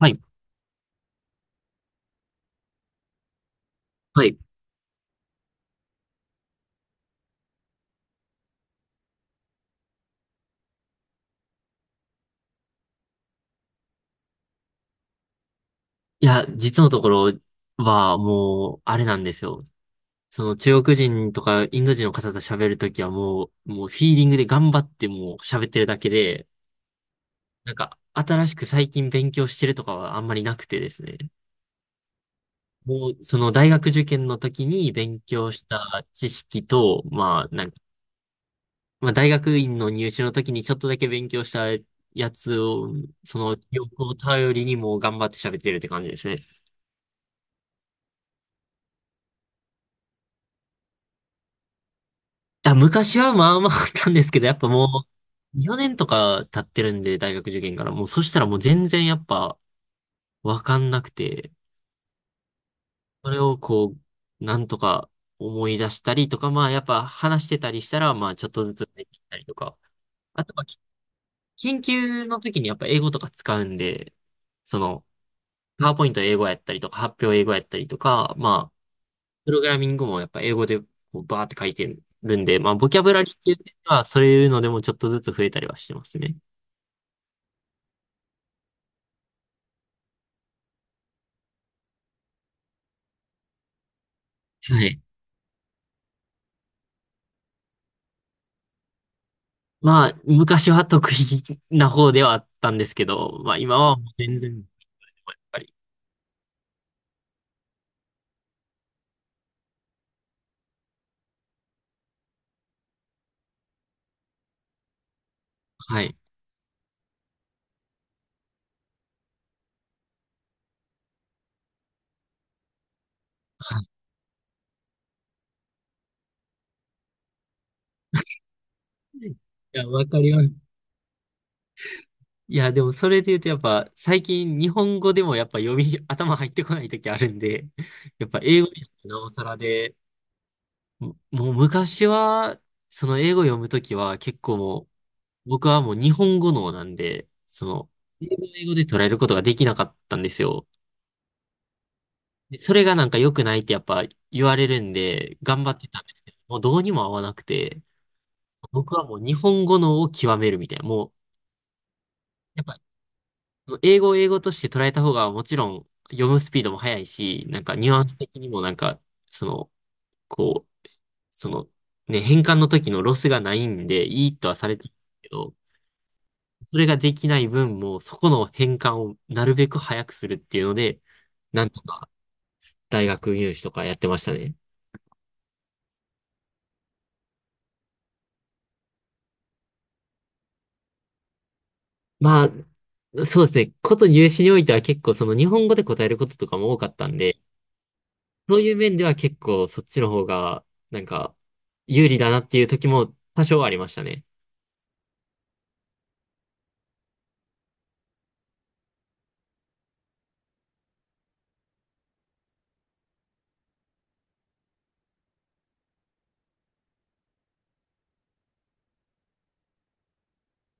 はい。はい。いや、実のところはもう、あれなんですよ。その中国人とかインド人の方と喋るときはもうフィーリングで頑張ってもう喋ってるだけで、なんか新しく最近勉強してるとかはあんまりなくてですね。もう、その大学受験の時に勉強した知識と、まあ、なんか、まあ大学院の入試の時にちょっとだけ勉強したやつを、その記憶を頼りにもう頑張って喋ってるって感じですね。あ、昔はまあまああったんですけど、やっぱもう、4年とか経ってるんで、大学受験から。もう、そしたらもう全然やっぱ、わかんなくて、それをこう、なんとか思い出したりとか、まあやっぱ話してたりしたら、まあちょっとずつできたりとか。あとは、研究の時にやっぱ英語とか使うんで、その、パワーポイント英語やったりとか、発表英語やったりとか、まあ、プログラミングもやっぱ英語でこうバーって書いてるんで、まあ、ボキャブラリーっていうのは、そういうのでもちょっとずつ増えたりはしてますね。はい。まあ、昔は得意な方ではあったんですけど、まあ今はもう全然、やっぱり。はい。はい。いや、わかります。いや、でもそれで言うとやっぱ最近日本語でもやっぱ頭入ってこない時あるんで、やっぱ英語になってなおさらで、もう昔は、その英語読む時は結構もう、僕はもう日本語脳なんで、その、英語英語で捉えることができなかったんですよ。でそれがなんか良くないってやっぱ言われるんで、頑張ってたんですけど、もうどうにも合わなくて、僕はもう日本語のを極めるみたいな、もう、やっぱ、英語を英語として捉えた方がもちろん読むスピードも速いし、なんかニュアンス的にもなんか、その、こう、その、ね、変換の時のロスがないんで、いいとはされてるけど、それができない分も、そこの変換をなるべく早くするっていうので、なんとか大学入試とかやってましたね。まあ、そうですね。こと入試においては結構その日本語で答えることとかも多かったんで、そういう面では結構そっちの方がなんか有利だなっていう時も多少はありましたね。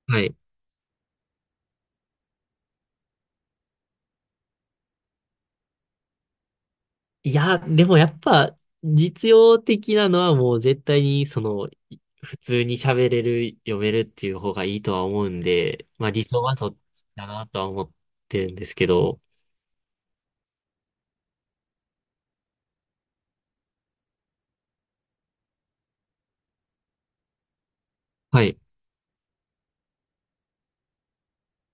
はい。いや、でもやっぱ実用的なのはもう絶対にその普通に喋れる、読めるっていう方がいいとは思うんで、まあ理想はそっちだなとは思ってるんですけど、はい。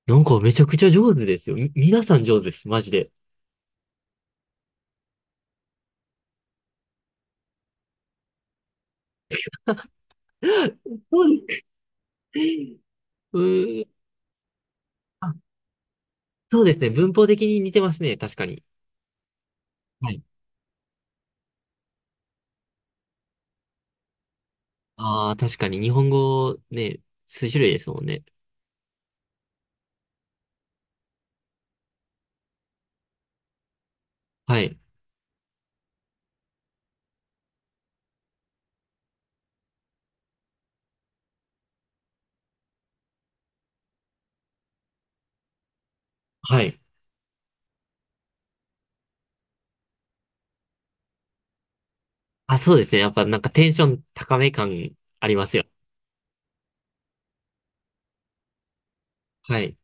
なんかめちゃくちゃ上手ですよ。皆さん上手です。マジで。そうです。うーん。そうですね。文法的に似てますね。確かに。はい。ああ、確かに。日本語ね、数種類ですもんね。はい。はい。あ、そうですね。やっぱなんかテンション高め感ありますよ。はい。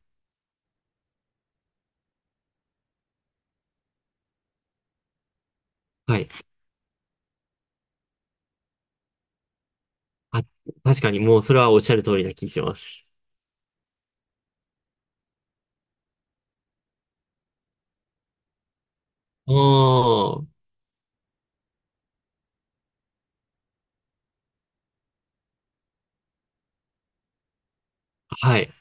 はい。あ、確かにもうそれはおっしゃる通りな気します。おー。はい。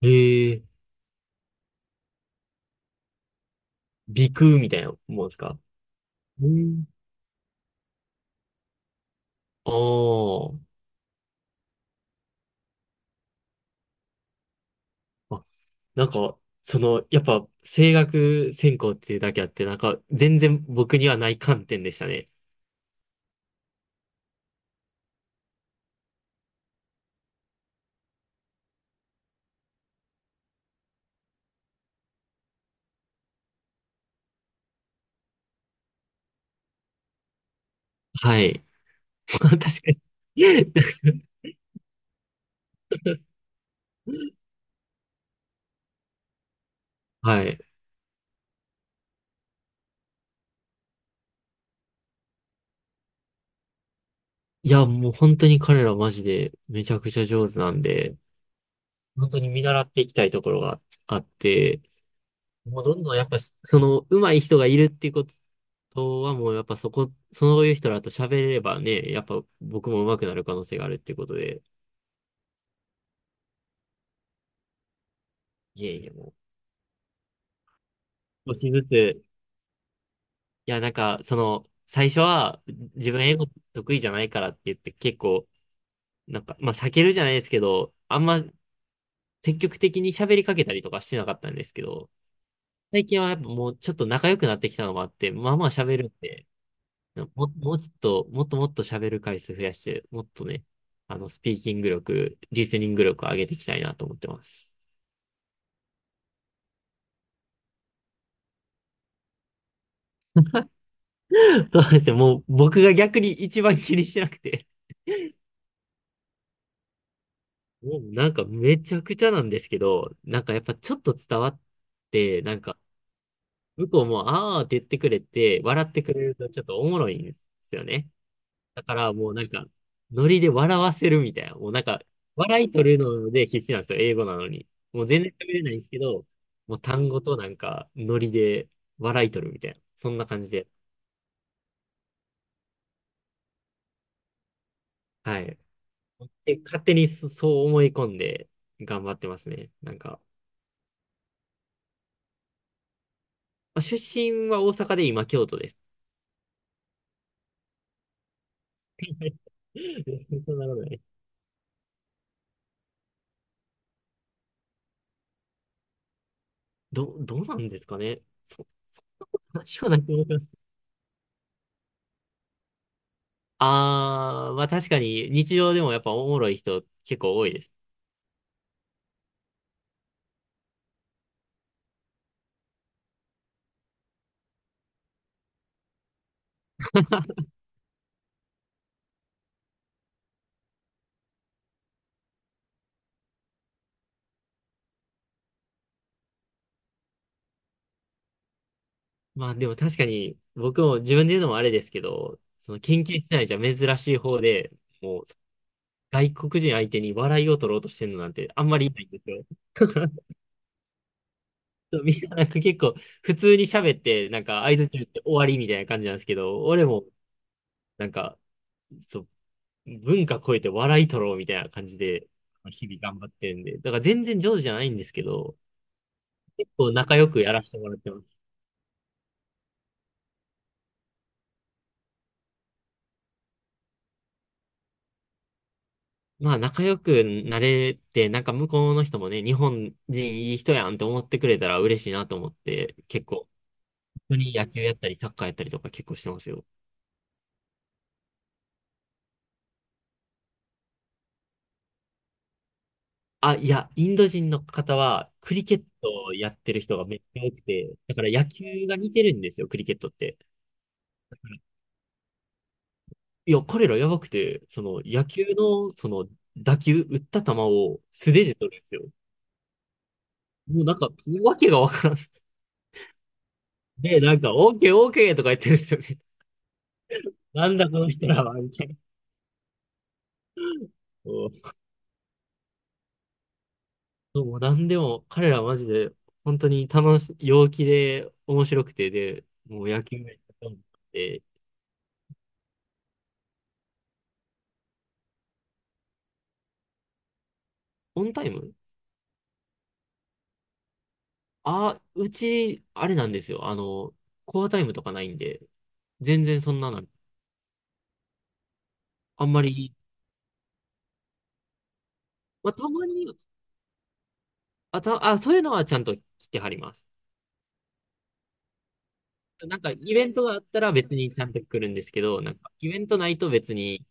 えー、鼻腔みたいなもんですか？うん。おー。あ、なんか、その、やっぱ声楽専攻っていうだけあって、なんか全然僕にはない観点でしたね。はい。確かに。はい。いや、もう本当に彼らマジでめちゃくちゃ上手なんで、本当に見習っていきたいところがあって、もうどんどんやっぱし、その上手い人がいるっていうことはもうやっぱそこ、そういう人らと喋ればね、やっぱ僕も上手くなる可能性があるっていうことで、いえいえもう、少しずつ、いや、なんかその、最初は自分英語得意じゃないからって言って結構、なんか、まあ避けるじゃないですけど、あんま積極的に喋りかけたりとかしてなかったんですけど、最近はやっぱもうちょっと仲良くなってきたのもあって、まあまあ喋るんで、もうちょっと、もっともっと喋る回数増やして、もっとね、あの、スピーキング力、リスニング力を上げていきたいなと思ってます。そうですね、もう僕が逆に一番気にしてなくて、もうなんかめちゃくちゃなんですけど、なんかやっぱちょっと伝わって、なんか、向こうも、あーって言ってくれて、笑ってくれるとちょっとおもろいんですよね。だからもうなんか、ノリで笑わせるみたいな。もうなんか、笑い取るので必死なんですよ、英語なのに。もう全然喋れないんですけど、もう単語となんか、ノリで笑い取るみたいな。そんな感じで。はい。で、勝手にそう思い込んで頑張ってますね。なんか、まあ、出身は大阪で今京都です。そんなことない。どうなんですかね。そんな話はないと思います。あー、まあ確かに日常でもやっぱおもろい人結構多いです。まあでも確かに僕も自分で言うのもあれですけど、その研究室内じゃ珍しい方で、もう外国人相手に笑いを取ろうとしてるのなんてあんまりいないんですよ。そうみんななんか結構普通に喋ってなんか相槌中って終わりみたいな感じなんですけど、俺もなんかそう文化超えて笑い取ろうみたいな感じで日々頑張ってるんで、だから全然上手じゃないんですけど、結構仲良くやらせてもらってます。まあ仲良くなれて、なんか向こうの人もね、日本人いい人やんって思ってくれたら嬉しいなと思って、結構、本当に野球やったりサッカーやったりとか結構してますよ。あ、いや、インド人の方はクリケットをやってる人がめっちゃ多くて、だから野球が似てるんですよ、クリケットって。だからいや、彼らやばくて、その野球の、その打った球を素手で取るんですよ。もうなんか、わけがわからん。で、なんか、オーケーオーケーとか言ってるんですよね。なんだこの人らは、みたいな。そう、なんでも、彼らはマジで、本当に陽気で、面白くて、で、もう野球が一番で、オンタイム。あ、あれなんですよ。あの、コアタイムとかないんで、全然そんなの、あんまり、まあ、たまに、そういうのはちゃんと来てはります。なんか、イベントがあったら別にちゃんと来るんですけど、なんか、イベントないと別に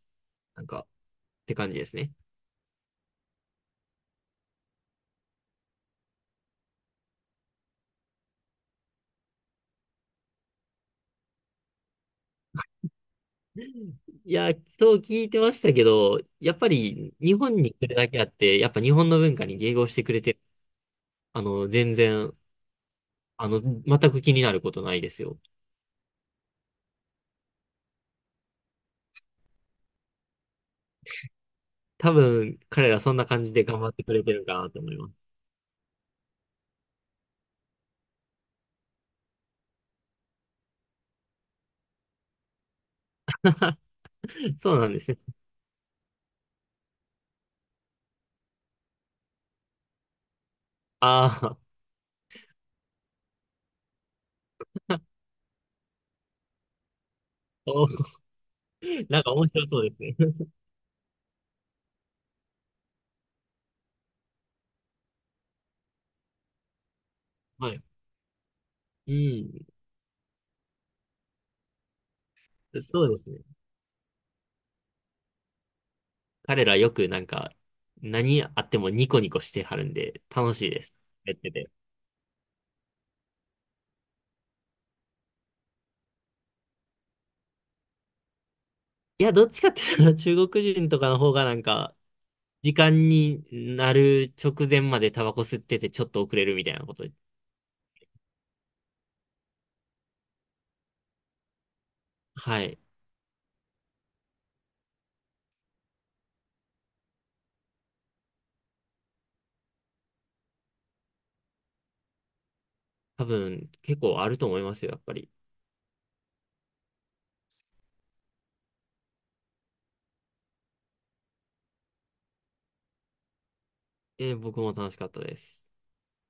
なんか、って感じですね。いや、そう聞いてましたけど、やっぱり日本に来るだけあって、やっぱ日本の文化に迎合してくれて、あの、全く気になることないですよ。多分、彼らそんな感じで頑張ってくれてるかなと思います。そうなんですね。ああ、おなんか面白そうですね。はい。うん、そうですね。彼らよくなんか、何あってもニコニコしてはるんで、楽しいです。やってて。いや、どっちかって言ったら中国人とかの方がなんか、時間になる直前までタバコ吸っててちょっと遅れるみたいなこと。はい。多分結構あると思いますよ、やっぱり。僕も楽しかったです。